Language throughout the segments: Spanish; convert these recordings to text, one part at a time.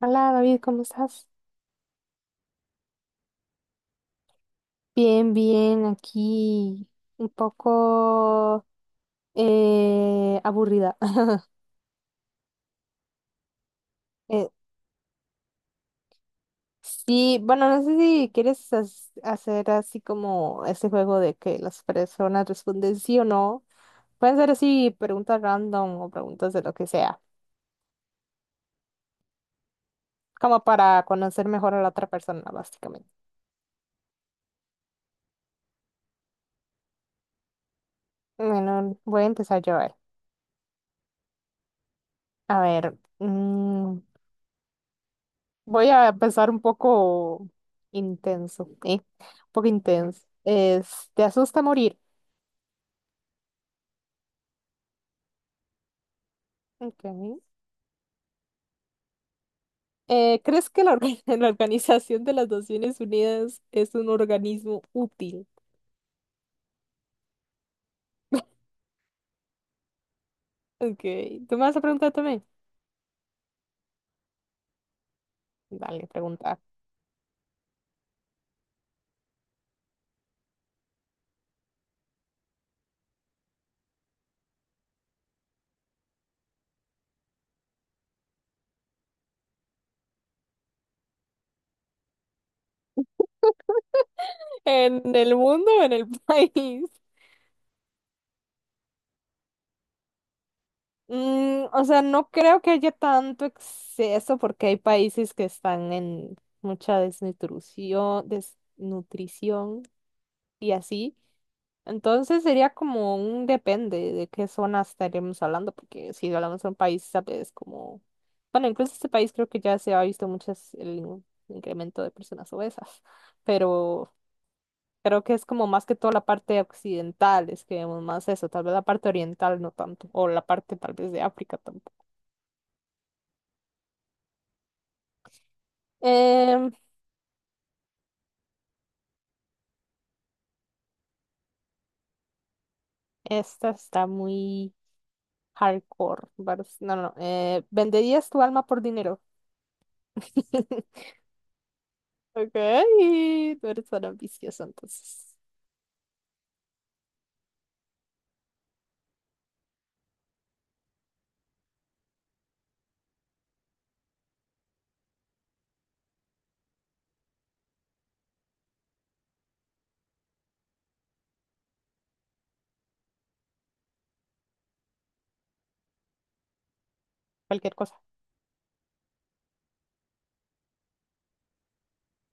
Hola David, ¿cómo estás? Bien, bien, aquí un poco aburrida. Eh, sí, bueno, no sé si quieres hacer así como ese juego de que las personas responden sí o no. Pueden ser así preguntas random o preguntas de lo que sea, como para conocer mejor a la otra persona, básicamente. Bueno, voy a empezar yo a ver. A ver, voy a empezar un poco intenso, ¿eh? Un poco intenso. Es, ¿te asusta morir? Ok. ¿Crees que la, la Organización de las Naciones Unidas es un organismo útil? Ok. ¿Tú me vas a preguntar también? Dale, pregunta. ¿En el mundo o en el país? Mm, o sea, no creo que haya tanto exceso porque hay países que están en mucha desnutrición. Y así. Entonces sería como un depende de qué zona estaríamos hablando, porque si hablamos de un país, tal vez como, bueno, incluso este país creo que ya se ha visto muchas el incremento de personas obesas, pero creo que es como más que todo la parte occidental, es que vemos más eso, tal vez la parte oriental no tanto, o la parte tal vez de África tampoco. Em, esta está muy hardcore, no, no, no, ¿venderías tu alma por dinero? Ok, tú eres tan ambicioso entonces. Cualquier cosa.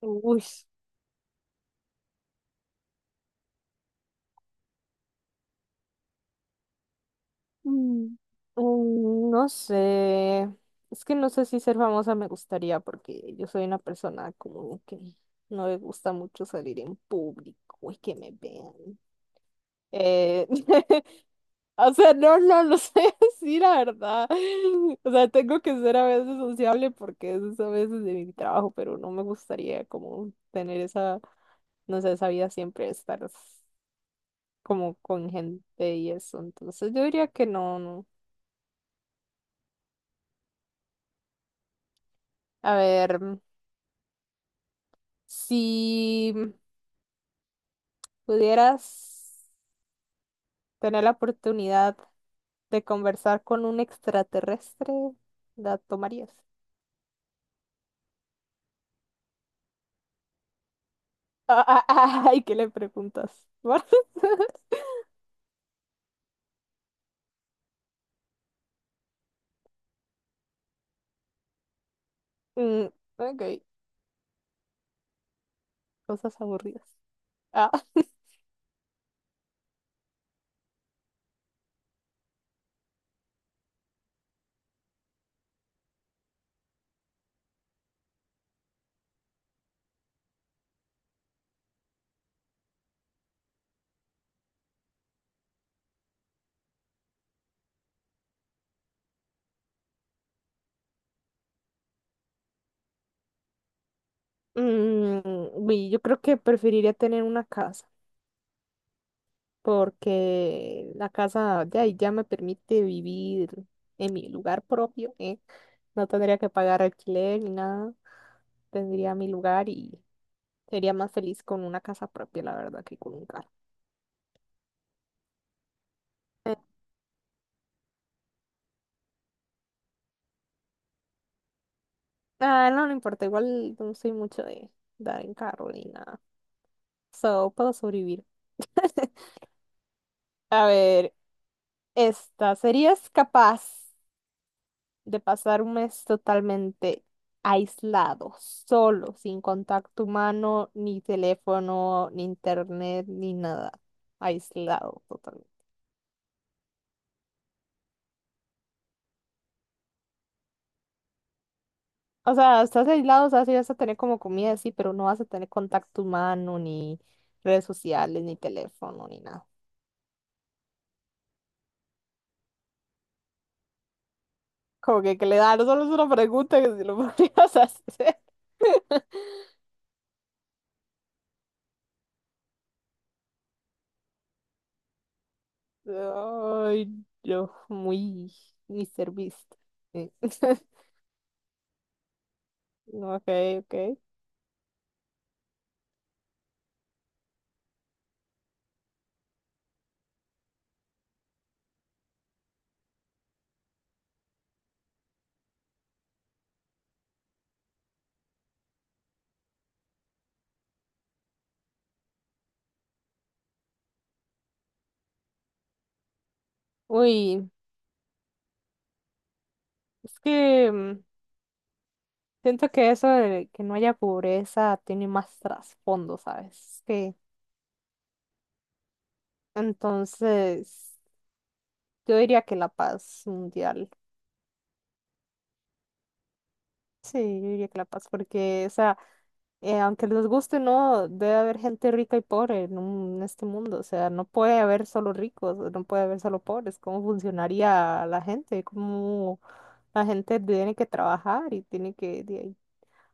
Uy. mm, No sé. Es que no sé si ser famosa me gustaría porque yo soy una persona como que no le gusta mucho salir en público y que me vean. Eh, o sea, no, no lo sé decir la verdad. O sea, tengo que ser a veces sociable porque eso es a veces de mi trabajo, pero no me gustaría como tener esa, no sé, esa vida siempre de estar. Como con gente y eso. Entonces yo diría que no, no. A ver, si pudieras tener la oportunidad de conversar con un extraterrestre, ¿la tomarías? Ah, ah, ah, ay, ¿qué le preguntas? Mm, ok, cosas aburridas. Ah. Mm, uy, yo creo que preferiría tener una casa. Porque la casa ya, ya me permite vivir en mi lugar propio, ¿eh? No tendría que pagar alquiler ni nada, tendría mi lugar y sería más feliz con una casa propia, la verdad, que con un carro. Eh, ah, no, no importa, igual no soy mucho de dar en carro ni nada, so puedo sobrevivir. A ver, esta, ¿serías capaz de pasar un mes totalmente aislado, solo, sin contacto humano, ni teléfono, ni internet, ni nada? Aislado totalmente. O sea, estás aislado, o sea, sí vas a tener como comida, sí, pero no vas a tener contacto humano, ni redes sociales, ni teléfono, ni nada. Como que le da, no solo es una pregunta que si lo podrías hacer. Ay, yo, muy Mr. Beast. Sí. Ok, ok. Uy. Es que mm, siento que eso de que no haya pobreza tiene más trasfondo, ¿sabes? Que entonces yo diría que la paz mundial. Sí, yo diría que la paz, porque, o sea, aunque les guste, o no, debe haber gente rica y pobre en, en este mundo. O sea, no puede haber solo ricos, no puede haber solo pobres. ¿Cómo funcionaría la gente? ¿Cómo la gente tiene que trabajar y tiene que, de ahí,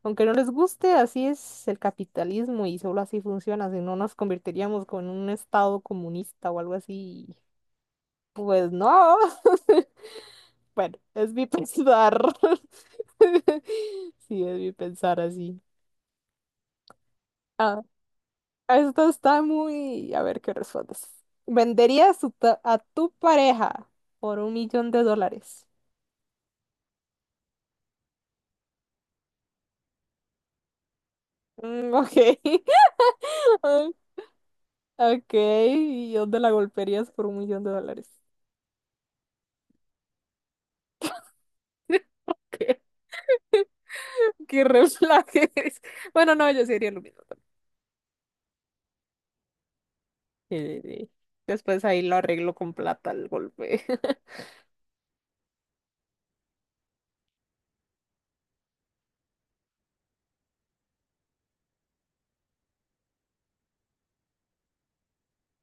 aunque no les guste, así es el capitalismo y solo así funciona? Si no nos convertiríamos como en un estado comunista o algo así. Pues no. Bueno, es mi pensar. Sí, es mi pensar así. Ah, esto está muy... a ver qué respondes. ¿Venderías tu a tu pareja por 1 millón de dólares? Mm, ok. Ah, ok. ¿Y dónde la golpearías por 1 millón de dólares? Qué red flag. Bueno, no, yo sería lo mismo. Sí, sí, sí. Después ahí lo arreglo con plata al golpe.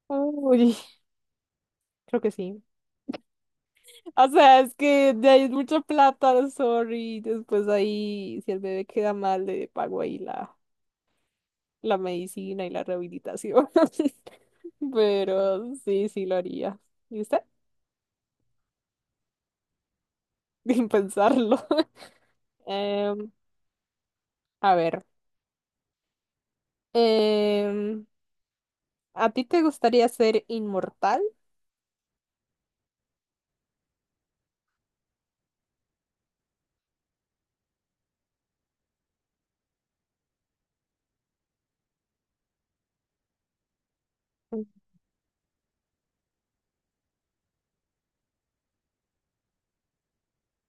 Uy, creo que sí. O sea, es que de ahí es mucha plata, sorry. Después ahí, si el bebé queda mal, le pago ahí la, la medicina y la rehabilitación. Pero sí, sí lo haría. ¿Y usted? Sin pensarlo. Em, a ver. em, ¿A ti te gustaría ser inmortal?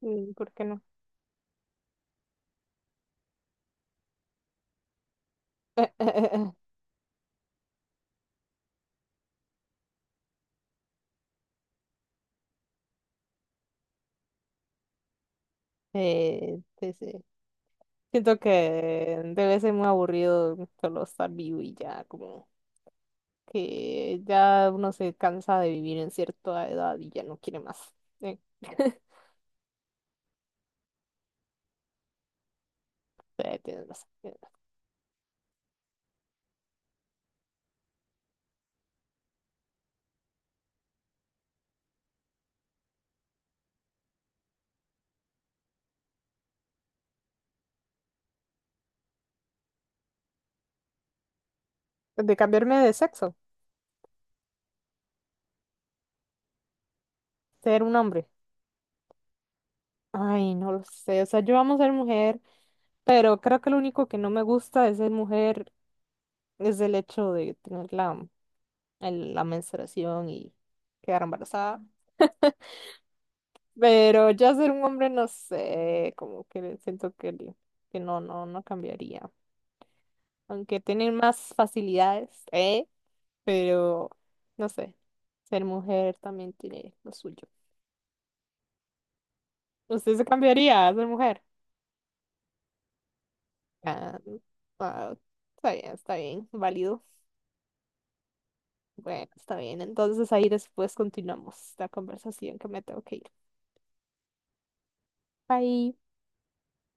Mm, ¿por qué no? Sí, sí. Siento que debe ser muy aburrido solo estar vivo y ya, como que ya uno se cansa de vivir en cierta edad y ya no quiere más. Eh, sí, tienes razón, tienes razón. De cambiarme de sexo, ser un hombre. Ay, no lo sé, o sea, yo amo ser mujer, pero creo que lo único que no me gusta de ser mujer es el hecho de tener la, la menstruación y quedar embarazada. Pero ya ser un hombre, no sé, como que siento que, que no, no, no cambiaría. Aunque tener más facilidades, ¿eh? Pero, no sé, ser mujer también tiene lo suyo. ¿Usted se cambiaría a ser mujer? Ah, ah, está bien, válido. Bueno, está bien. Entonces ahí después continuamos la conversación que me tengo que ir. Bye.